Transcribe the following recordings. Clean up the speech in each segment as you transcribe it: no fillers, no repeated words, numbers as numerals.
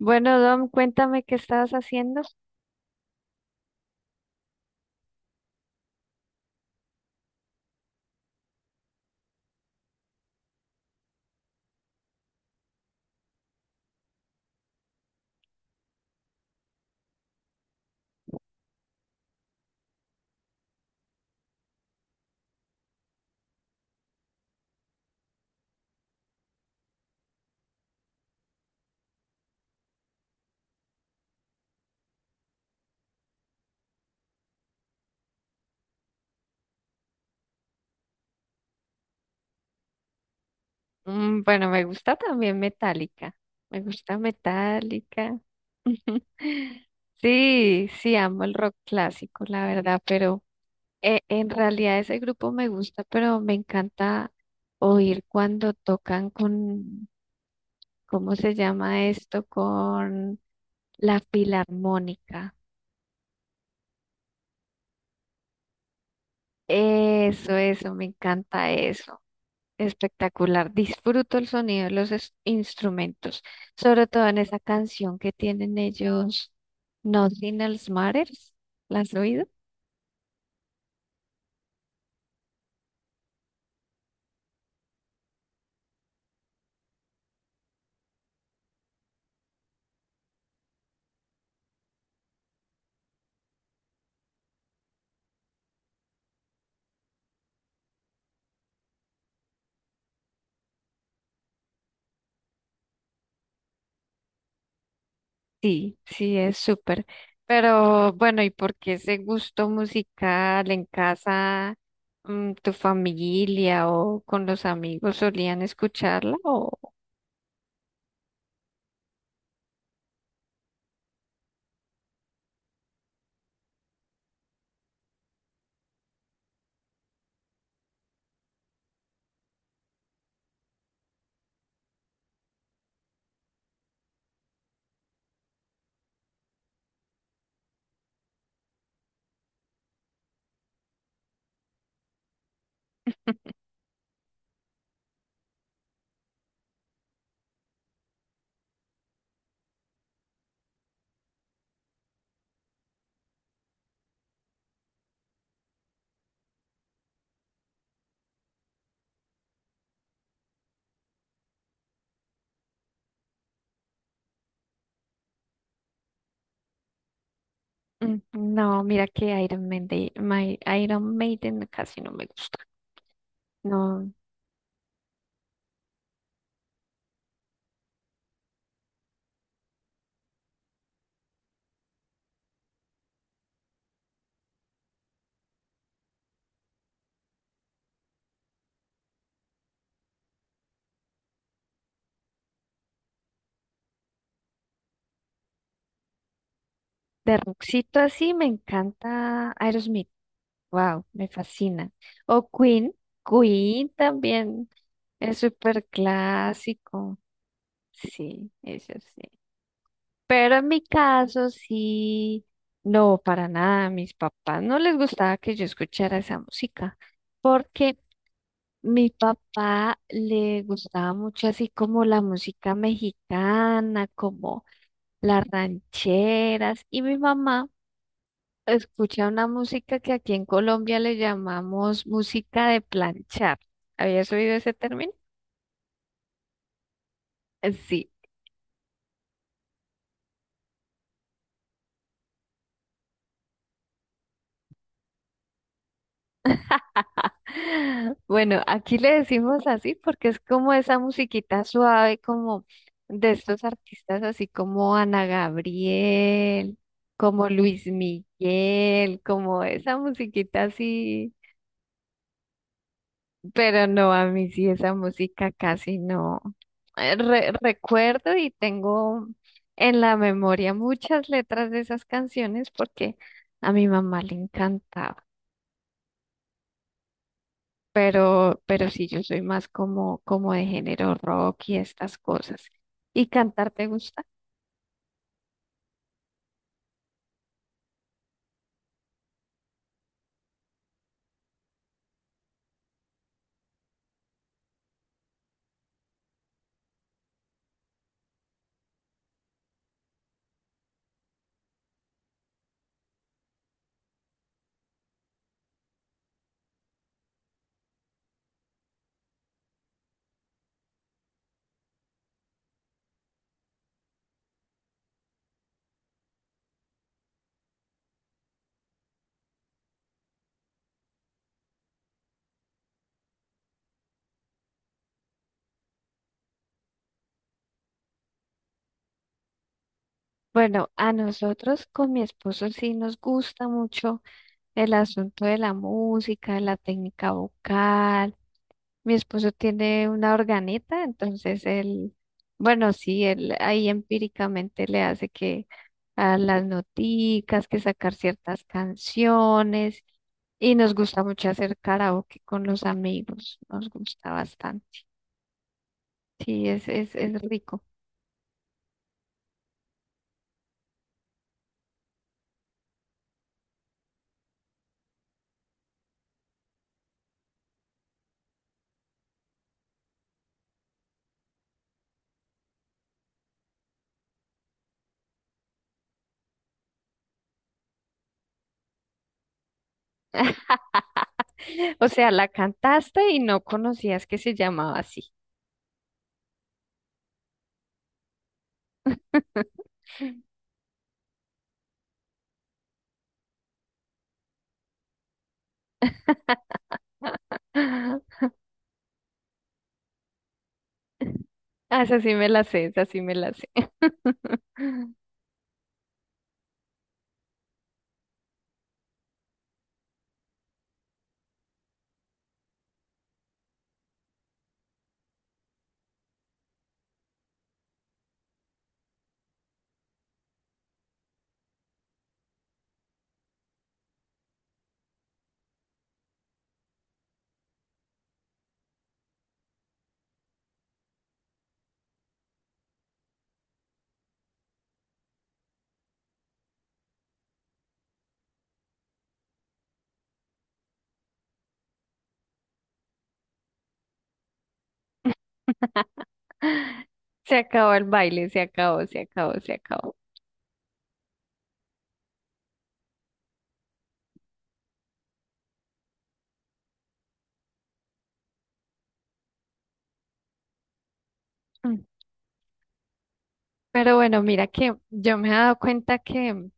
Bueno, Dom, cuéntame qué estabas haciendo. Bueno, me gusta también Metallica. Me gusta Metallica. Sí, sí, amo el rock clásico, la verdad, pero en realidad ese grupo me gusta, pero me encanta oír cuando tocan con, ¿cómo se llama esto? Con la filarmónica. Eso, me encanta eso. Espectacular, disfruto el sonido de los instrumentos, sobre todo en esa canción que tienen ellos, Nothing Else Matters, ¿la has oído? Sí, sí, es súper, pero bueno, ¿y por qué ese gusto musical en casa, mm, tu familia o con los amigos solían escucharla o no, mira que Iron Maiden, Iron Maiden casi no me gusta, no. De rockcito así me encanta Aerosmith. Wow, me fascina. O Queen, Queen también es súper clásico. Sí, eso sí. Pero en mi caso sí, no, para nada. A mis papás no les gustaba que yo escuchara esa música porque mi papá le gustaba mucho así como la música mexicana, como las rancheras y mi mamá. Escucha una música que aquí en Colombia le llamamos música de planchar. ¿Habías oído ese término? Sí. Bueno, aquí le decimos así porque es como esa musiquita suave, como de estos artistas así como Ana Gabriel, como Luis Miguel, como esa musiquita así. Pero no, a mí sí esa música casi no. Recuerdo y tengo en la memoria muchas letras de esas canciones porque a mi mamá le encantaba. Pero sí, yo soy más como, como de género rock y estas cosas. ¿Y cantar te gusta? Bueno, a nosotros con mi esposo sí nos gusta mucho el asunto de la música, de la técnica vocal. Mi esposo tiene una organeta, entonces él, bueno, sí, él ahí empíricamente le hace que a las noticas, que sacar ciertas canciones, y nos gusta mucho hacer karaoke con los amigos, nos gusta bastante. Sí, es rico. O sea, la cantaste y no conocías que se llamaba así. Ah, esa sí me la sé, esa sí me la sé. Se acabó el baile, se acabó, se acabó, se acabó. Mm. Pero bueno, mira que yo me he dado cuenta que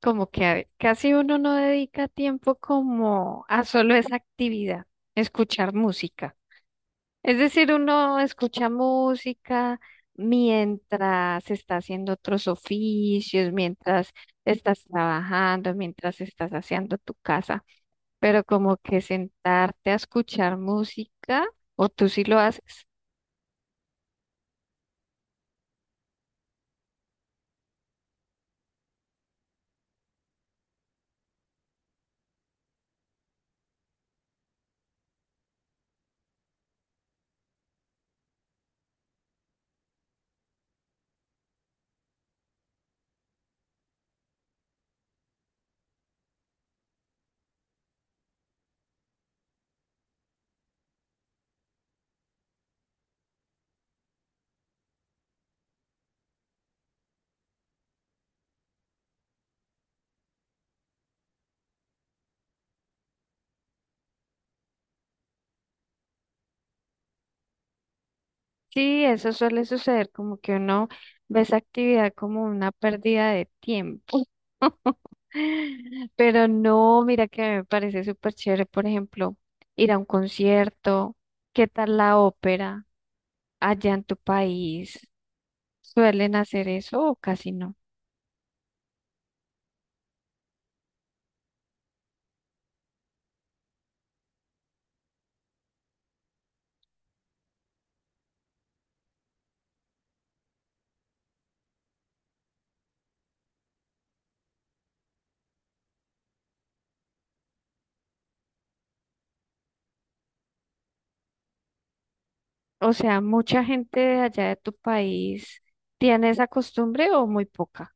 como que casi uno no dedica tiempo como a solo esa actividad, escuchar música. Es decir, uno escucha música mientras está haciendo otros oficios, mientras estás trabajando, mientras estás haciendo tu casa, pero como que sentarte a escuchar música, o tú sí lo haces. Sí, eso suele suceder, como que uno ve esa actividad como una pérdida de tiempo. Pero no, mira que a mí me parece súper chévere, por ejemplo, ir a un concierto. ¿Qué tal la ópera? Allá en tu país, ¿suelen hacer eso o casi no? O sea, ¿mucha gente de allá de tu país tiene esa costumbre o muy poca?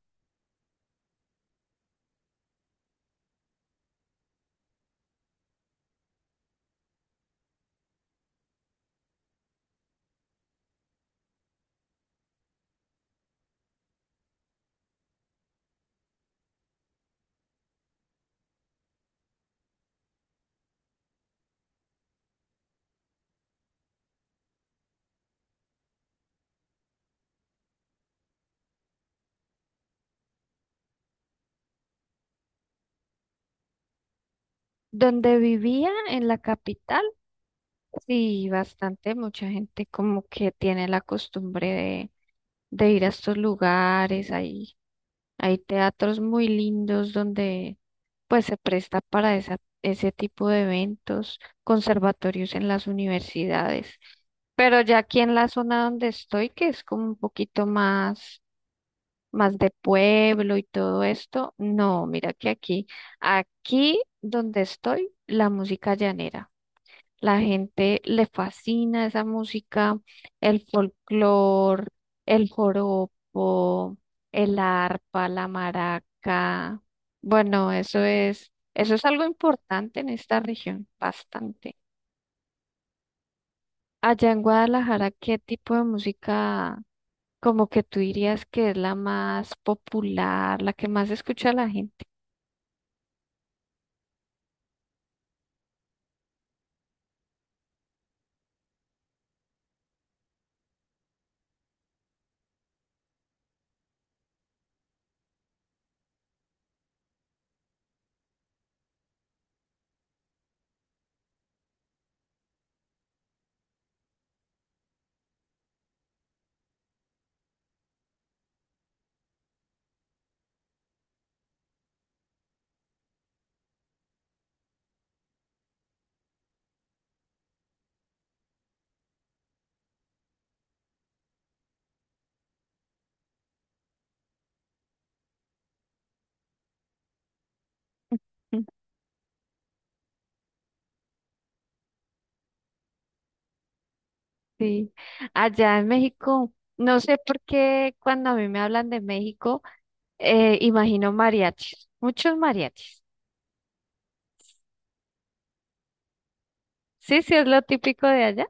Donde vivía en la capital, sí, bastante, mucha gente como que tiene la costumbre de ir a estos lugares ahí. Hay teatros muy lindos donde pues se presta para esa, ese tipo de eventos, conservatorios en las universidades. Pero ya aquí en la zona donde estoy, que es como un poquito más, más de pueblo y todo esto, no, mira que aquí, aquí donde estoy, la música llanera. La gente le fascina esa música, el folclor, el joropo, el arpa, la maraca. Bueno, eso es algo importante en esta región, bastante. Allá en Guadalajara, ¿qué tipo de música como que tú dirías que es la más popular, la que más escucha la gente? Sí. Allá en México, no sé por qué cuando a mí me hablan de México, imagino mariachis, muchos mariachis. Sí, sí, es lo típico de allá.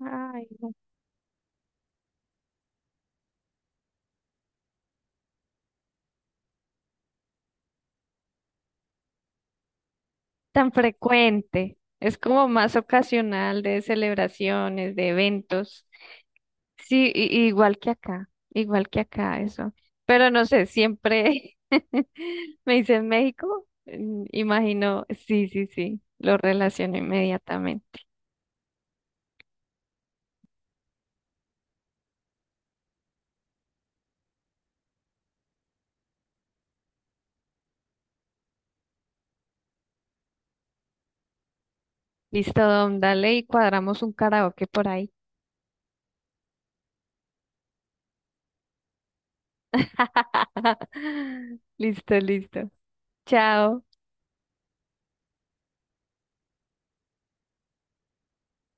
Ay, no tan frecuente. Es como más ocasional de celebraciones, de eventos. Sí, igual que acá, eso. Pero no sé, siempre me dicen México, mm, imagino, sí, sí, sí, lo relaciono inmediatamente. Listo, Dom, dale y cuadramos un karaoke por ahí. Listo, listo. Chao.